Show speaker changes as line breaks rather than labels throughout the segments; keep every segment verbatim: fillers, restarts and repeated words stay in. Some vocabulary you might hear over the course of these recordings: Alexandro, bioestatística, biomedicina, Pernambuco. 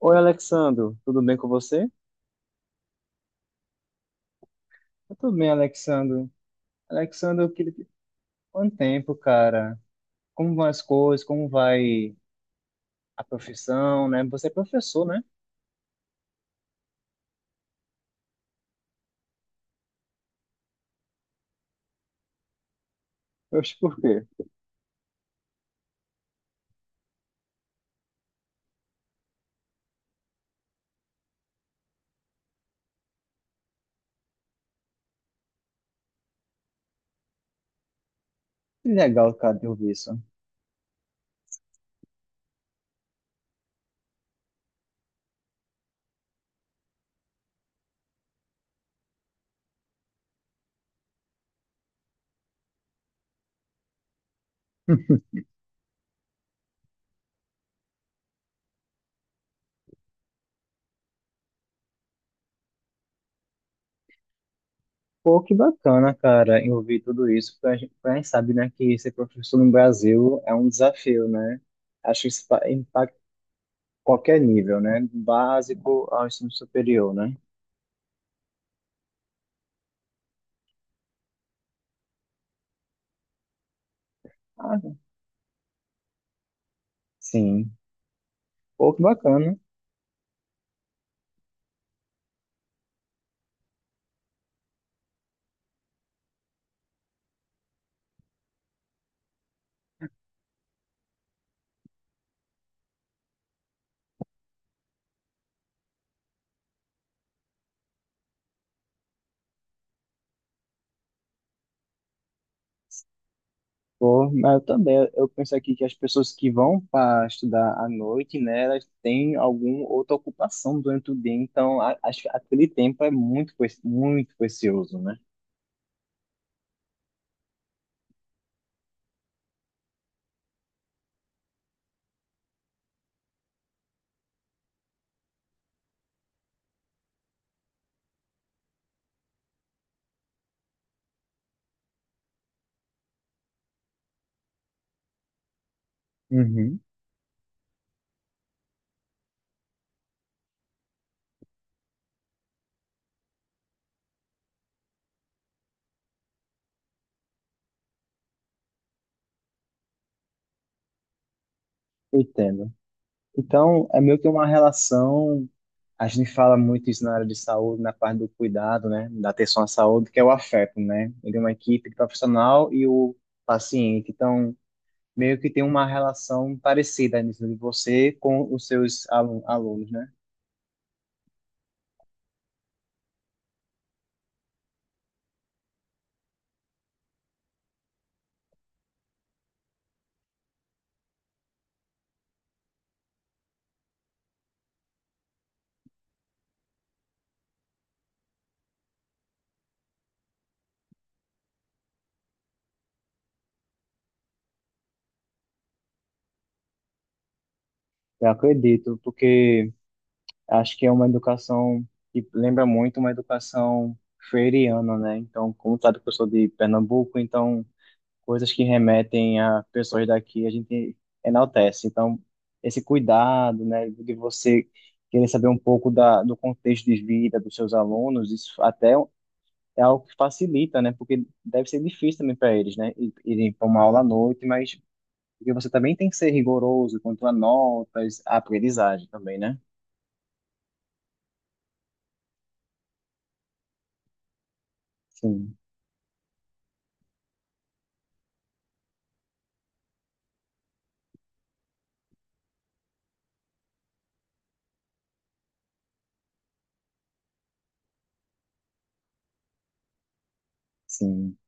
Oi, Alexandro, tudo bem com você? Tá tudo bem, Alexandro? Alexandro, eu queria... Quanto tempo, cara? Como vão as coisas? Como vai a profissão, né? Você é professor, né? Oxe, por quê? Que legal, cara, de ouvir isso. Pô, que bacana, cara, em ouvir tudo isso, porque a gente, a gente sabe, né, que ser professor no Brasil é um desafio, né? Acho que isso pa- impacta qualquer nível, né? Do básico ao ensino superior, né? Ah, sim. Pô, que bacana. Pô, mas eu também, eu penso aqui que as pessoas que vão para estudar à noite, né, elas têm alguma outra ocupação durante o dia, então a- acho que aquele tempo é muito, preci- muito precioso, né? Uhum. Eu entendo. Então, é meio que uma relação, a gente fala muito isso na área de saúde, na parte do cuidado, né, da atenção à saúde, que é o afeto, né? Ele é uma equipe de profissional e o paciente, então meio que tem uma relação parecida nisso de você com os seus alu- alunos, né? Eu acredito, porque acho que é uma educação que lembra muito uma educação freiriana, né? Então, como sabe que eu sou de Pernambuco, então coisas que remetem a pessoas daqui a gente enaltece. Então, esse cuidado, né, de você querer saber um pouco da, do contexto de vida dos seus alunos, isso até é algo que facilita, né? Porque deve ser difícil também para eles, né? Ir- Irem para uma aula à noite, mas porque você também tem que ser rigoroso quanto a notas, a aprendizagem também, né? Sim, sim.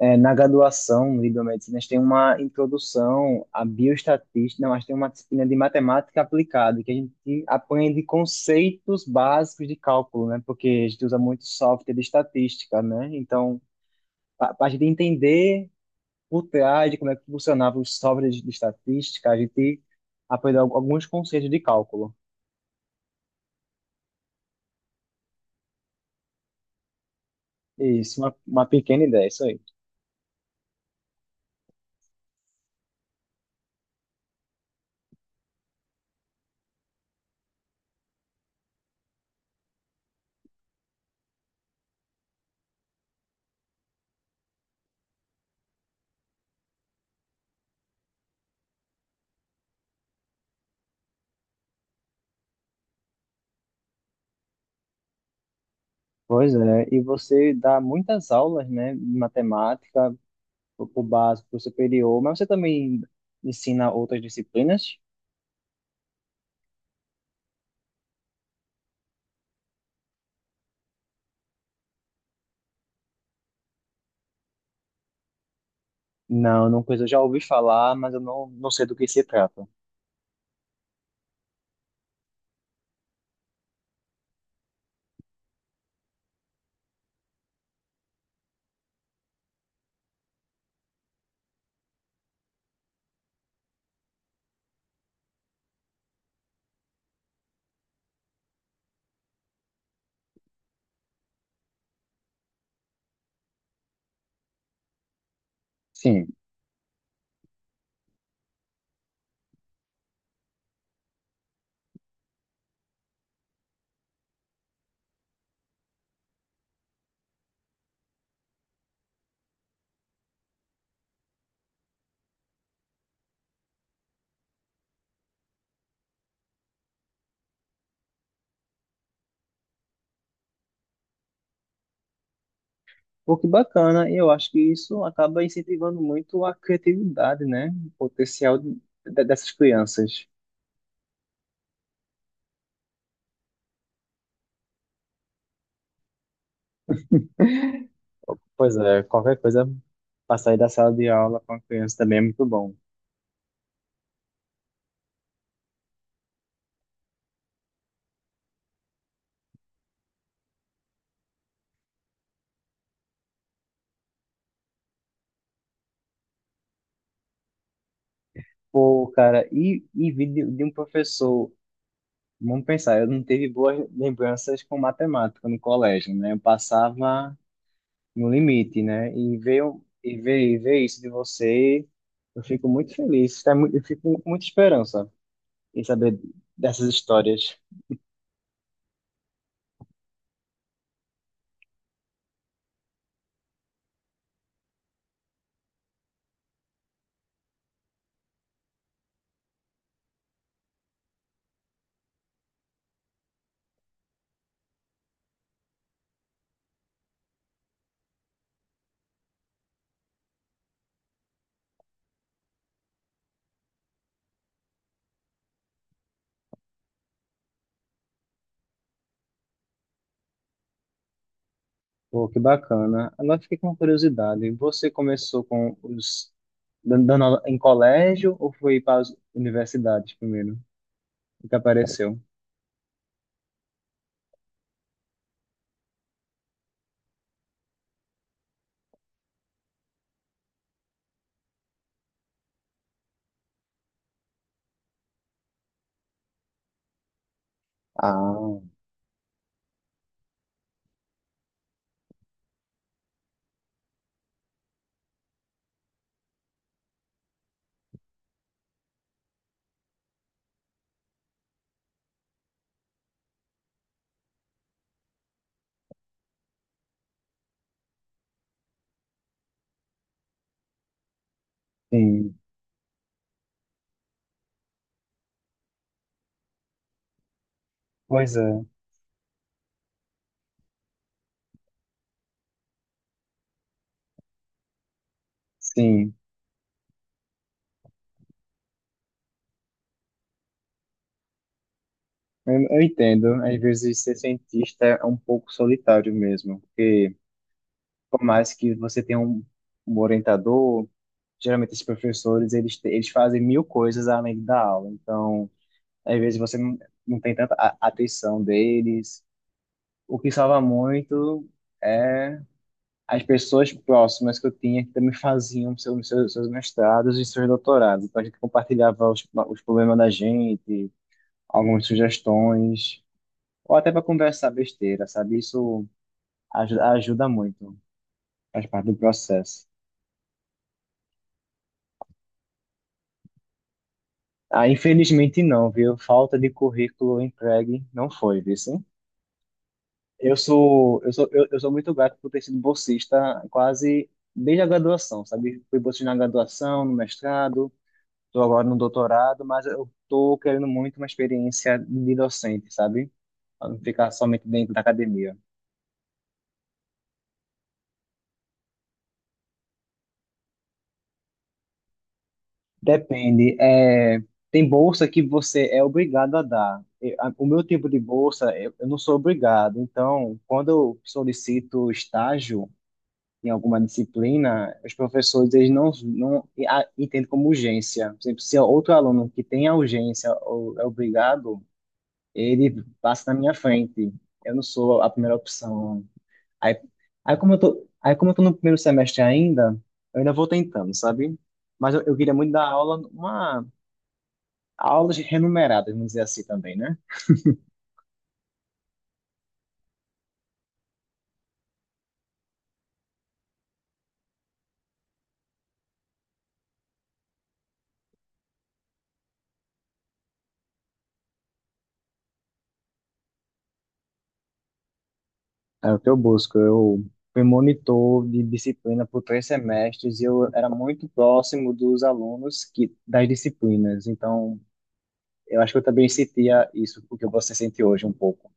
É, na graduação de biomedicinas tem uma introdução à bioestatística, não, acho que tem uma disciplina de matemática aplicada, que a gente aprende conceitos básicos de cálculo, né? Porque a gente usa muito software de estatística, né? Então, para a gente entender por trás de como é que funcionava os softwares de de estatística, a gente aprende al- alguns conceitos de cálculo. Isso, uma, uma pequena ideia, isso aí. Pois é, e você dá muitas aulas, né, de matemática, pro pro básico, pro superior, mas você também ensina outras disciplinas? Não, não coisa, eu já ouvi falar, mas eu não, não sei do que se trata. Sim. Pô, que bacana, e eu acho que isso acaba incentivando muito a criatividade, né? O potencial de- de- dessas crianças. Pois é, qualquer coisa para sair da sala de aula com a criança também é muito bom. Pô, cara, e, e vi de, de um professor, vamos pensar, eu não tive boas lembranças com matemática no colégio, né? Eu passava no limite, né? E ver, o- e ver, E ver isso de você, eu fico muito feliz. tá mu- Eu fico com muita esperança em saber dessas histórias. Pô, que bacana. Agora eu fiquei com uma curiosidade. Você começou com os dan- dando aula em colégio ou foi para as universidades primeiro? O que apareceu? Ah, sim. Pois é. Sim. Eu, eu entendo. Às vezes ser cientista é um pouco solitário mesmo, porque por mais que você tenha um, um orientador, geralmente os professores, eles, te- eles fazem mil coisas além da aula. Então, às vezes você não, não tem tanta a- atenção deles. O que salva muito é as pessoas próximas que eu tinha que também faziam seus, seus, seus mestrados e seus doutorados. Então, a gente compartilhava os, os problemas da gente, algumas sugestões, ou até para conversar besteira, sabe? Isso ajuda, ajuda muito, faz parte do processo. Ah, infelizmente não, viu? Falta de currículo entregue não foi, viu? Sim? Eu sou, eu sou, eu, eu sou muito grato por ter sido bolsista quase desde a graduação, sabe? Fui bolsista na graduação, no mestrado, estou agora no doutorado, mas eu estou querendo muito uma experiência de docente, sabe? Para não ficar somente dentro da academia. Depende. É, tem bolsa que você é obrigado a dar. Eu- a- O meu tipo de bolsa, eu eu não sou obrigado. Então, quando eu solicito estágio em alguma disciplina, os professores eles não, não a- entendem como urgência. Por exemplo, se é outro aluno que tem a urgência ou é obrigado, ele passa na minha frente. Eu não sou a primeira opção. Aí, aí como eu tô, aí como eu tô no primeiro semestre ainda, eu ainda vou tentando, sabe? Mas eu, eu queria muito dar aula, uma aulas renumeradas, vamos dizer assim também, né? É o que eu busco. Eu fui monitor de disciplina por três semestres e eu era muito próximo dos alunos que das disciplinas. Então, eu acho que eu também sentia isso, porque você sente hoje um pouco.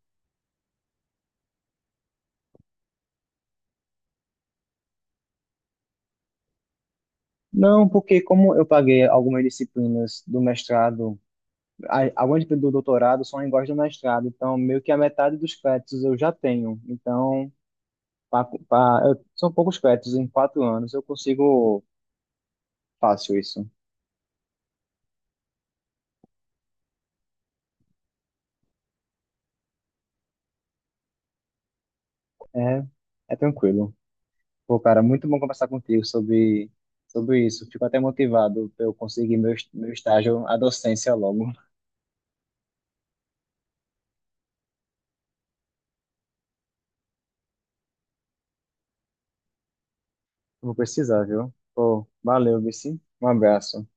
Não, porque como eu paguei algumas disciplinas do mestrado, a- algumas do doutorado são iguais do mestrado, então meio que a metade dos créditos eu já tenho. Então, pa- pa- eu- são poucos créditos em quatro anos, eu consigo fácil isso. É, é tranquilo. Pô, cara, muito bom conversar contigo sobre, sobre isso. Fico até motivado pra eu conseguir meu, est- meu estágio, a docência logo. Vou precisar, viu? Pô, valeu, Vici. Um abraço.